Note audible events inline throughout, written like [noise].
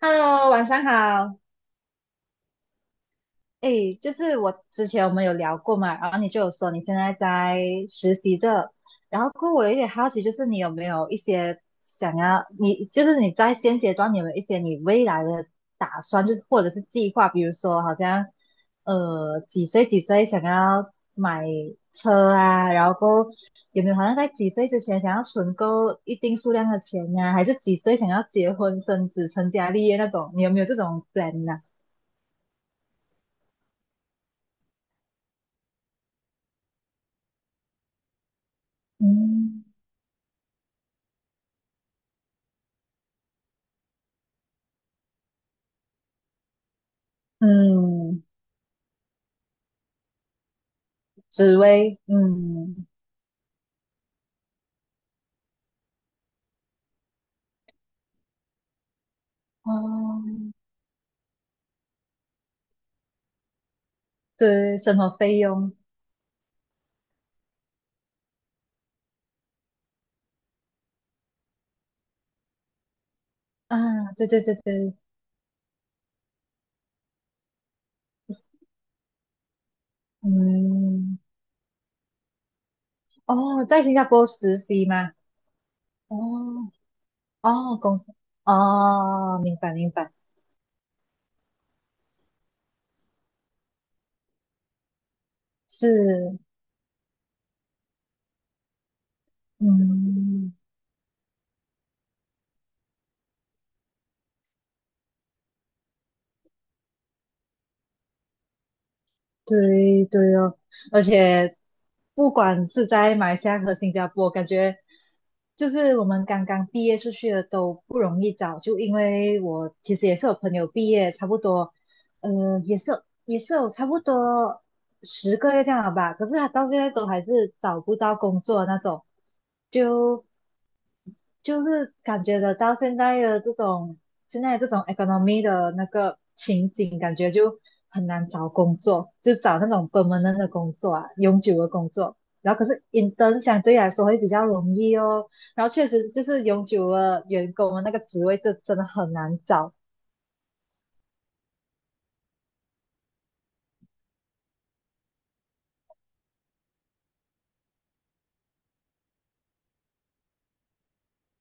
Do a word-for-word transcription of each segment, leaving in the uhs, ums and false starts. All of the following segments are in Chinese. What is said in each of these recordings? Hello，晚上好。诶，就是我之前我们有聊过嘛，然后你就有说你现在在实习着，然后过后我有点好奇，就是你有没有一些想要，你就是你在现阶段你有没有一些你未来的打算，就是或者是计划，比如说好像呃几岁几岁想要买车啊，然后过后有没有好像在几岁之前想要存够一定数量的钱呀、还是几岁想要结婚生子成家立业那种，你有没有这种 plan 呢、嗯嗯，紫薇，嗯，哦，对，生活费用，啊？对对对对，嗯，哦，在新加坡实习吗？哦哦，工作，哦，明白明白，是，嗯。对对哦，而且不管是在马来西亚和新加坡，感觉就是我们刚刚毕业出去的都不容易找，就因为我其实也是有朋友毕业，差不多，呃，也是有也是有差不多十个月这样了吧，可是他到现在都还是找不到工作的那种，就就是感觉得到现在的这种现在这种 economy 的那个情景，感觉就很难找工作，就找那种 permanent 的工作啊，永久的工作。然后可是 intern 相对来说会比较容易哦。然后确实就是永久的员工的那个职位，就真的很难找。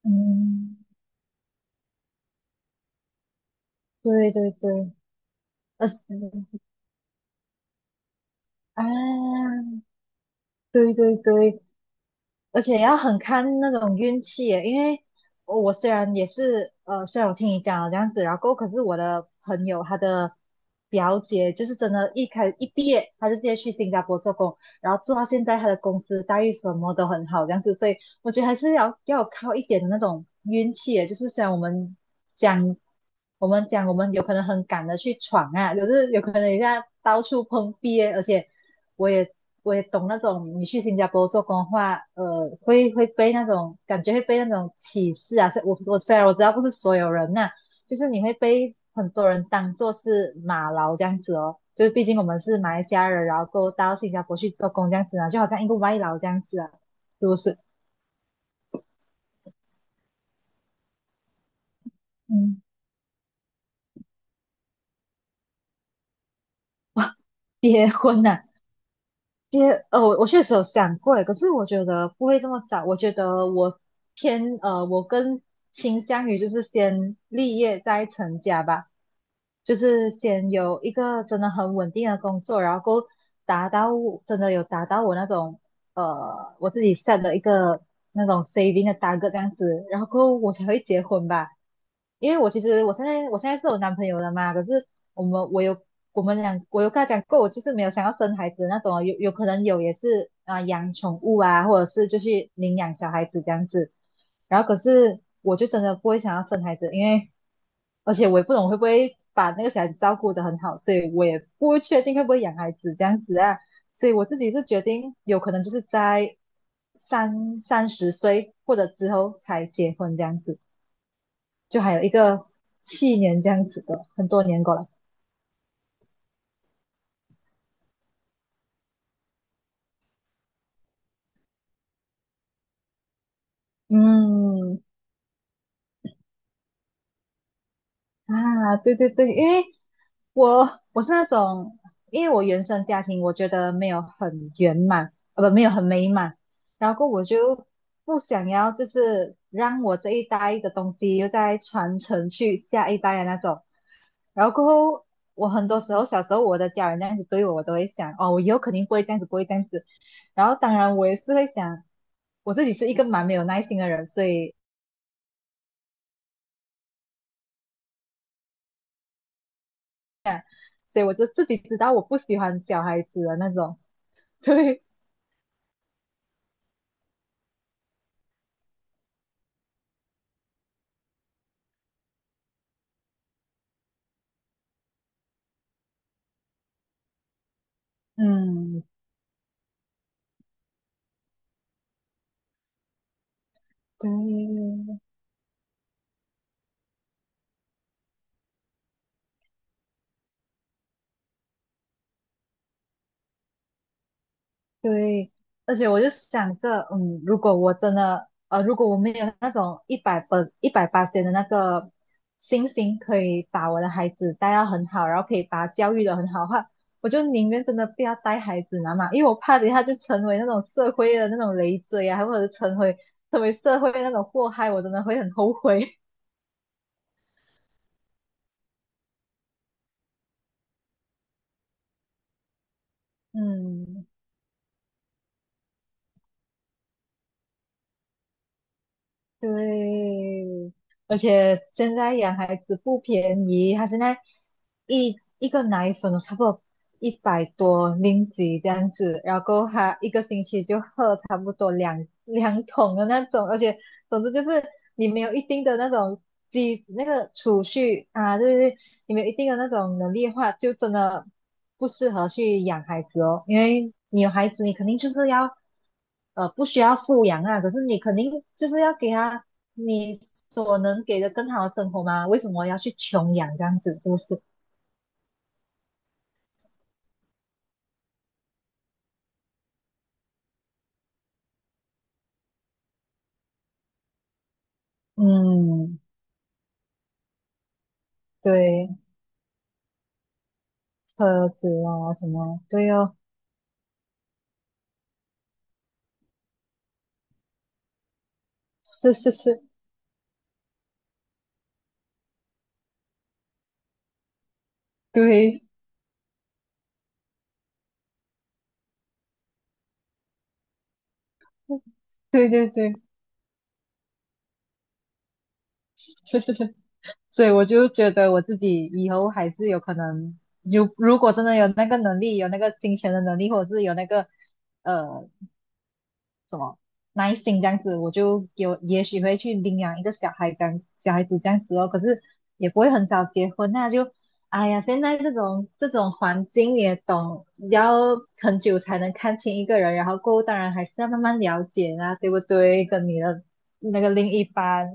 嗯，对对对，而是啊，对对对，而且要很看那种运气耶因为我虽然也是呃，虽然我听你讲了这样子，然后可是我的朋友她的表姐就是真的，一开一毕业她就直接去新加坡做工，然后做到现在她的公司待遇什么都很好这样子，所以我觉得还是要要有靠一点的那种运气耶，就是虽然我们讲我们讲我们有可能很赶的去闯啊，可是有可能一下到处碰壁耶而且。我也我也懂那种你去新加坡做工的话，呃，会会被那种感觉会被那种歧视啊。虽我我虽然我知道不是所有人呐、就是你会被很多人当做是马劳这样子哦。就是毕竟我们是马来西亚人，然后过到新加坡去做工这样子啊，就好像一个外劳这样子啊，是不是？嗯，结婚呐、也呃，我我确实有想过耶，可是我觉得不会这么早。我觉得我偏呃，我更倾向于就是先立业再成家吧，就是先有一个真的很稳定的工作，然后够达到我真的有达到我那种呃我自己 set 的一个那种 saving 的 t a r g e 这样子，然后过后我才会结婚吧。因为我其实我现在我现在是有男朋友了嘛，可是我们我有我们俩我有跟他讲过，我就是没有想要生孩子那种，有有可能有也是啊、呃养宠物啊，或者是就去领养小孩子这样子。然后可是我就真的不会想要生孩子，因为而且我也不懂会不会把那个小孩子照顾得很好，所以我也不确定会不会养孩子这样子啊。所以我自己是决定有可能就是在三三十岁或者之后才结婚这样子，就还有一个七年这样子的，很多年过来。嗯啊，对对对，因为我我是那种，因为我原生家庭我觉得没有很圆满，呃不没有很美满，然后我就不想要就是让我这一代的东西又再传承去下一代的那种，然后过后我很多时候小时候我的家人那样子对我，我都会想哦，我以后肯定不会这样子，不会这样子，然后当然我也是会想，我自己是一个蛮没有耐心的人，所以。所以我就自己知道我不喜欢小孩子的那种。[laughs] 对，嗯，对对，而且我就想着，嗯，如果我真的，呃，如果我没有那种一百分、一百八千的那个信心，可以把我的孩子带到很好，然后可以把他教育的很好的话，我就宁愿真的不要带孩子你知道嘛，因为我怕等一下就成为那种社会的那种累赘啊，或者成为成为社会的那种祸害，我真的会很后悔。[laughs] 嗯。对，而且现在养孩子不便宜，他现在一一个奶粉哦差不多一百多零几这样子，然后他一个星期就喝差不多两两桶的那种，而且总之就是你没有一定的那种积那个储蓄啊，就是你们有一定的那种能力的话，就真的不适合去养孩子哦，因为你有孩子，你肯定就是要，呃，不需要富养啊，可是你肯定就是要给他你所能给的更好的生活嘛，为什么要去穷养这样子，是不是？嗯，对哦，车子啊什么，对哦，是是是，对对对对，[laughs] 是是是。所以我就觉得我自己以后还是有可能，如如果真的有那个能力，有那个金钱的能力，或者是有那个呃耐心这样子，我就有也许会去领养一个小孩这样小孩子这样子哦。可是也不会很早结婚啊，那就哎呀，现在这种这种环境也懂，要很久才能看清一个人，然后过后当然还是要慢慢了解啊，对不对？跟你的那个另一半。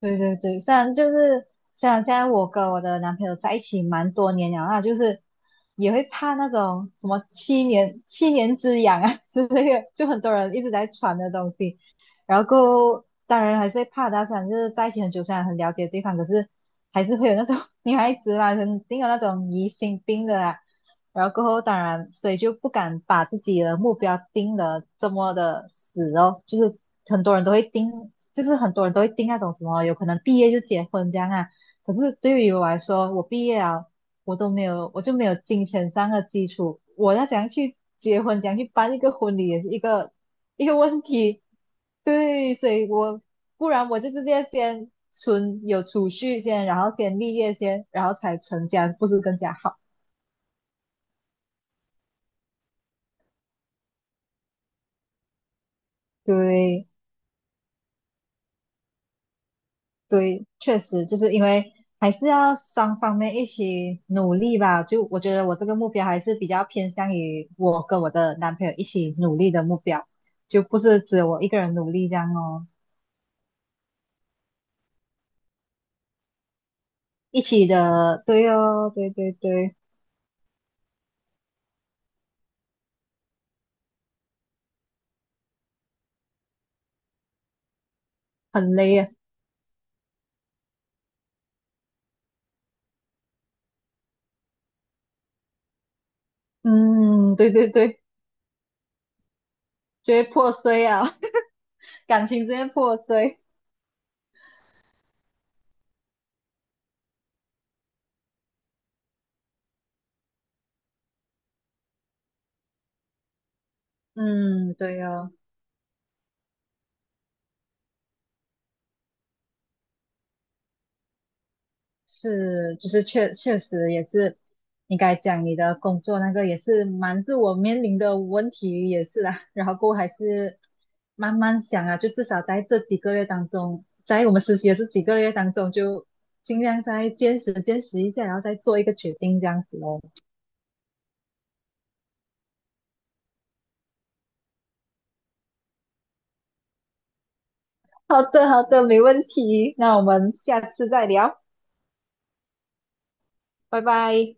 对对对，虽然就是虽然现在我跟我的男朋友在一起蛮多年了，那就是也会怕那种什么七年七年之痒啊 [laughs] 之类的 [laughs]，就很多人一直在传的东西。然后后，当然还是会怕到，虽然就是在一起很久，虽然很了解对方，可是还是会有那种女孩子嘛，肯定有那种疑心病的啦。然后过后，当然，所以就不敢把自己的目标定的这么的死哦，就是很多人都会定，就是很多人都会定那种什么，有可能毕业就结婚这样啊。可是对于我来说，我毕业啊，我都没有，我就没有金钱上的基础，我要怎样去结婚，怎样去办一个婚礼，也是一个 [laughs] 一个问题。对，所以我不然我就直接先存有储蓄先，然后先立业先，然后才成家，不是更加好？对对，确实就是因为还是要双方面一起努力吧。就我觉得我这个目标还是比较偏向于我跟我的男朋友一起努力的目标，就不是只有我一个人努力这样哦。一起的，对哦，对对对，很累啊。嗯，对对对，就会破碎啊。感情直接破碎。嗯，对哦，是，就是确确实也是，应该讲你的工作那个也是蛮是我面临的问题也是啦，[laughs] 然后过后还是慢慢想啊，就至少在这几个月当中，在我们实习的这几个月当中，就尽量再坚持坚持一下，然后再做一个决定这样子哦。好的，好的，没问题。那我们下次再聊，拜拜。